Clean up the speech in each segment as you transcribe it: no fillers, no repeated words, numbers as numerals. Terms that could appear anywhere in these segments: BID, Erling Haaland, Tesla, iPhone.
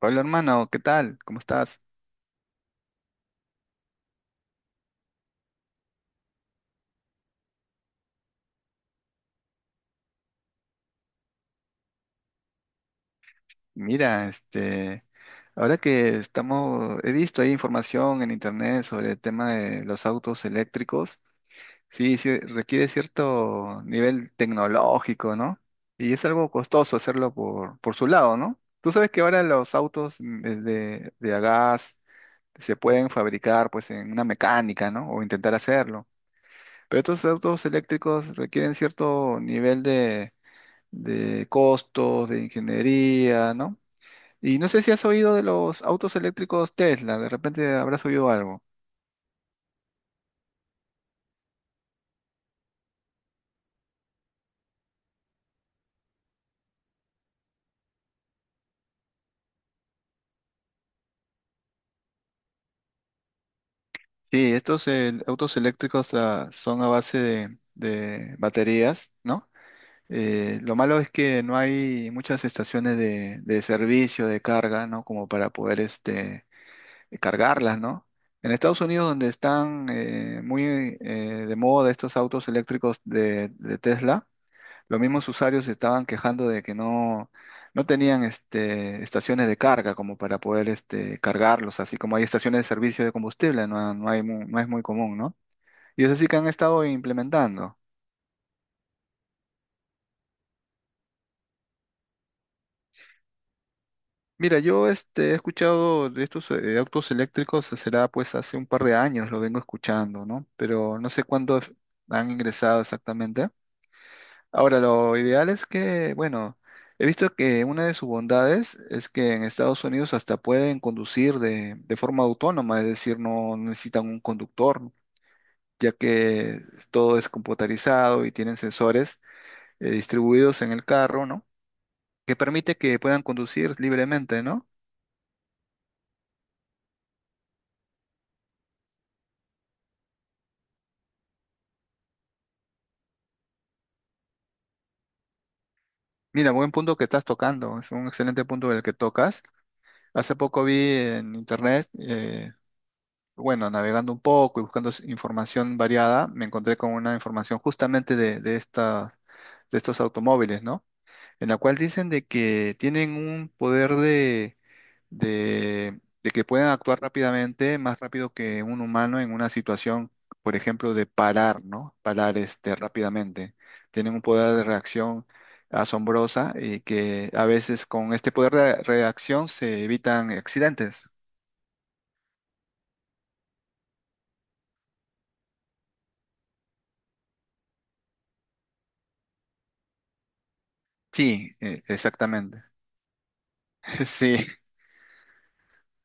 Hola hermano, ¿qué tal? ¿Cómo estás? Mira, este, ahora que estamos, he visto ahí información en internet sobre el tema de los autos eléctricos. Sí, sí, requiere cierto nivel tecnológico, ¿no? Y es algo costoso hacerlo por su lado, ¿no? Tú sabes que ahora los autos es de a gas se pueden fabricar pues en una mecánica, ¿no? O intentar hacerlo. Pero estos autos eléctricos requieren cierto nivel de costos, de ingeniería, ¿no? Y no sé si has oído de los autos eléctricos Tesla, de repente habrás oído algo. Sí, estos autos eléctricos son a base de baterías, ¿no? Lo malo es que no hay muchas estaciones de servicio, de carga, ¿no? Como para poder este, cargarlas, ¿no? En Estados Unidos, donde están muy de moda estos autos eléctricos de Tesla, los mismos usuarios se estaban quejando de que no tenían este, estaciones de carga como para poder este, cargarlos, así como hay estaciones de servicio de combustible, no, no hay no es muy común, ¿no? Y es así que han estado implementando. Mira, yo este, he escuchado de estos autos eléctricos, será pues hace un par de años, lo vengo escuchando, ¿no? Pero no sé cuándo han ingresado exactamente. Ahora, lo ideal es que, bueno, he visto que una de sus bondades es que en Estados Unidos hasta pueden conducir de forma autónoma, es decir, no necesitan un conductor, ya que todo es computarizado y tienen sensores distribuidos en el carro, ¿no? Que permite que puedan conducir libremente, ¿no? Mira, buen punto que estás tocando, es un excelente punto el que tocas. Hace poco vi en internet bueno, navegando un poco y buscando información variada, me encontré con una información justamente de estas, de estos automóviles, ¿no? En la cual dicen de que tienen un poder de que pueden actuar rápidamente, más rápido que un humano en una situación, por ejemplo, de parar, ¿no? Parar este, rápidamente. Tienen un poder de reacción asombrosa y que a veces con este poder de reacción se evitan accidentes. Sí, exactamente. Sí,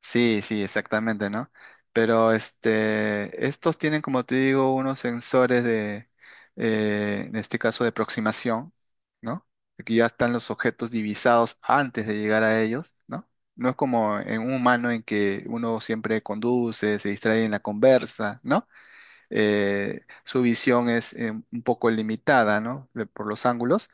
sí, sí, exactamente, ¿no? Pero este, estos tienen, como te digo, unos sensores de, en este caso, de aproximación, ¿no? Que ya están los objetos divisados antes de llegar a ellos, ¿no? No es como en un humano en que uno siempre conduce, se distrae en la conversa, ¿no? Su visión es un poco limitada, ¿no? Por los ángulos.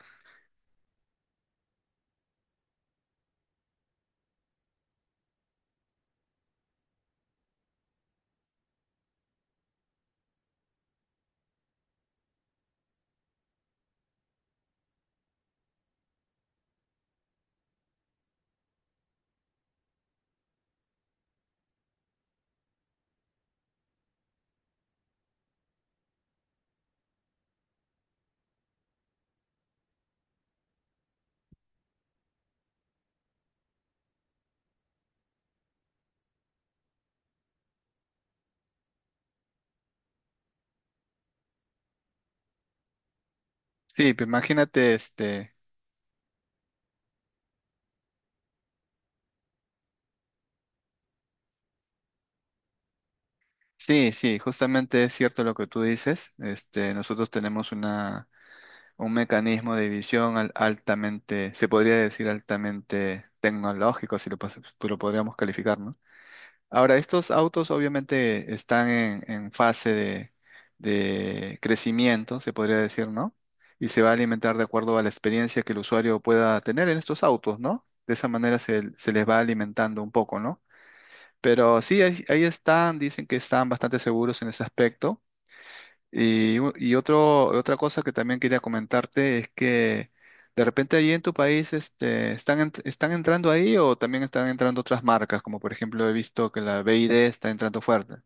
Sí, pues imagínate, este. Sí, sí, justamente es cierto lo que tú dices. Este, nosotros tenemos una, un mecanismo de visión altamente, se podría decir altamente tecnológico, si lo, tú lo podríamos calificar, ¿no? Ahora, estos autos obviamente están en fase de crecimiento, se podría decir, ¿no? Y se va a alimentar de acuerdo a la experiencia que el usuario pueda tener en estos autos, ¿no? De esa manera se les va alimentando un poco, ¿no? Pero sí, ahí están, dicen que están bastante seguros en ese aspecto. Y, y otro, otra cosa que también quería comentarte es que de repente ahí en tu país este, ¿están, están entrando ahí o también están entrando otras marcas? Como por ejemplo he visto que la BID está entrando fuerte.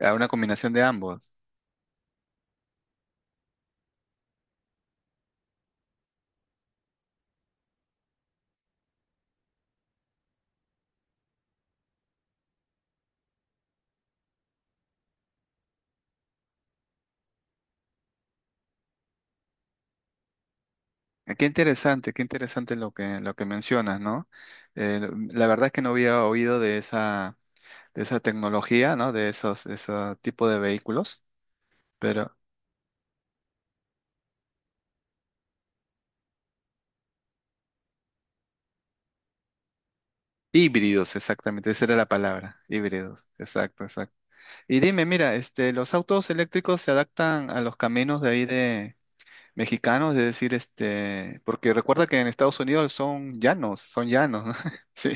A una combinación de ambos. Qué interesante, qué interesante lo que mencionas, ¿no? La verdad es que no había oído de esa tecnología, ¿no? De esos, de ese tipo de vehículos. Híbridos, exactamente, esa era la palabra, híbridos, exacto, exacto. Y dime, mira, este, los autos eléctricos se adaptan a los caminos de ahí de mexicanos, de decir, este, porque recuerda que en Estados Unidos son llanos, ¿no? Sí.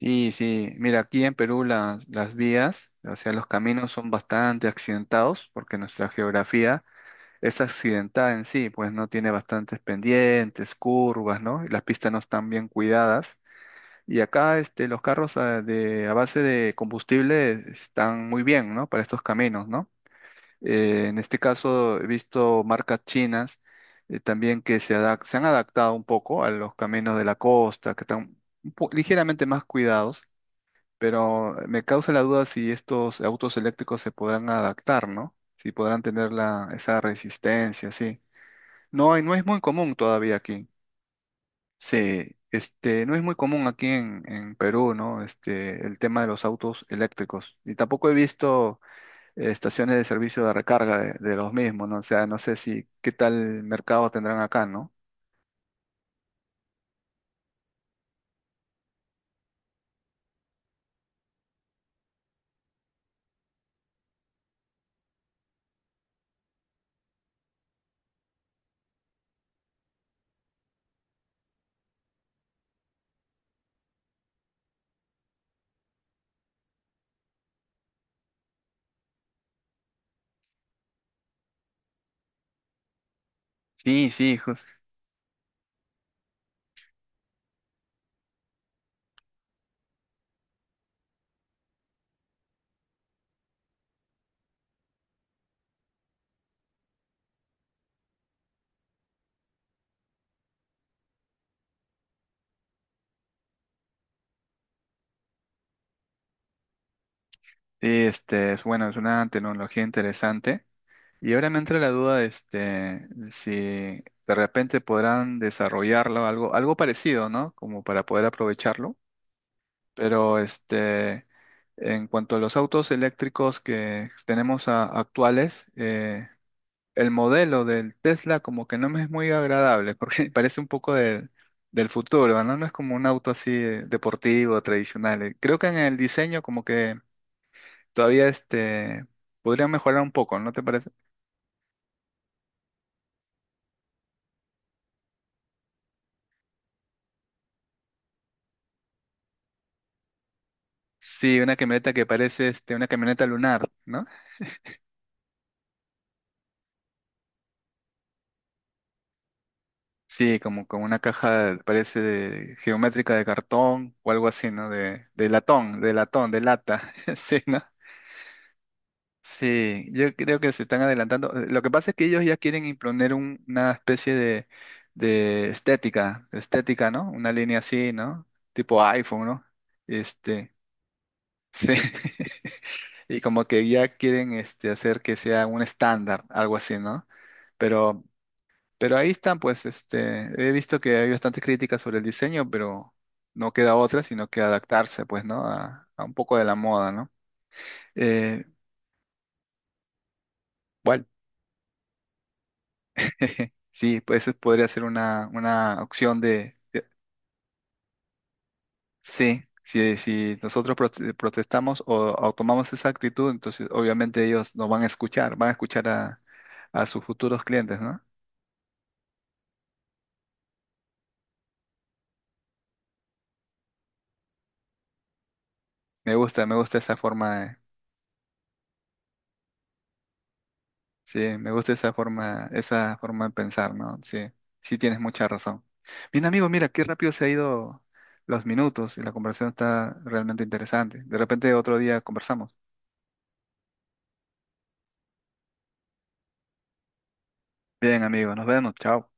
Sí, sí, mira, aquí en Perú las vías, o sea, los caminos son bastante accidentados porque nuestra geografía es accidentada en sí, pues no tiene bastantes pendientes, curvas, ¿no? Y las pistas no están bien cuidadas. Y acá este, los carros a base de combustible están muy bien, ¿no? Para estos caminos, ¿no? En este caso he visto marcas chinas también que se, se han adaptado un poco a los caminos de la costa, que están ligeramente más cuidados, pero me causa la duda si estos autos eléctricos se podrán adaptar, ¿no? Si podrán tener la, esa resistencia, sí. No, no es muy común todavía aquí. Sí, este, no es muy común aquí en Perú, ¿no? Este, el tema de los autos eléctricos. Y tampoco he visto estaciones de servicio de recarga de los mismos, ¿no? O sea, no sé si qué tal mercado tendrán acá, ¿no? Sí, sí, sí, este, es bueno, es una tecnología interesante. Y ahora me entra la duda, este, si de repente podrán desarrollarlo, algo, algo parecido, ¿no? Como para poder aprovecharlo. Pero este, en cuanto a los autos eléctricos que tenemos actuales, el modelo del Tesla como que no me es muy agradable porque parece un poco del futuro, ¿no? No es como un auto así deportivo, tradicional. Creo que en el diseño como que todavía este, podría mejorar un poco, ¿no te parece? Sí, una camioneta que parece este, una camioneta lunar, ¿no? Sí, como como una caja, parece geométrica de cartón o algo así, ¿no? De latón, de latón, de lata. Sí, ¿no? Sí, yo creo que se están adelantando. Lo que pasa es que ellos ya quieren imponer una especie de estética, ¿no? Una línea así, ¿no? Tipo iPhone, ¿no? Este, sí. Y como que ya quieren este, hacer que sea un estándar, algo así, ¿no? Pero Pero ahí están, pues, este, he visto que hay bastantes críticas sobre el diseño, pero no queda otra, sino que adaptarse, pues, ¿no? A un poco de la moda, ¿no? Eh, bueno, sí, pues eso podría ser una opción de. Sí, si, si nosotros protestamos o tomamos esa actitud, entonces obviamente ellos nos van a escuchar a sus futuros clientes, ¿no? Me gusta esa forma. Sí, me gusta esa forma de pensar, ¿no? Sí, sí tienes mucha razón. Bien, amigo, mira, qué rápido se ha ido los minutos y la conversación está realmente interesante. De repente otro día conversamos. Bien, amigo, nos vemos. Chao.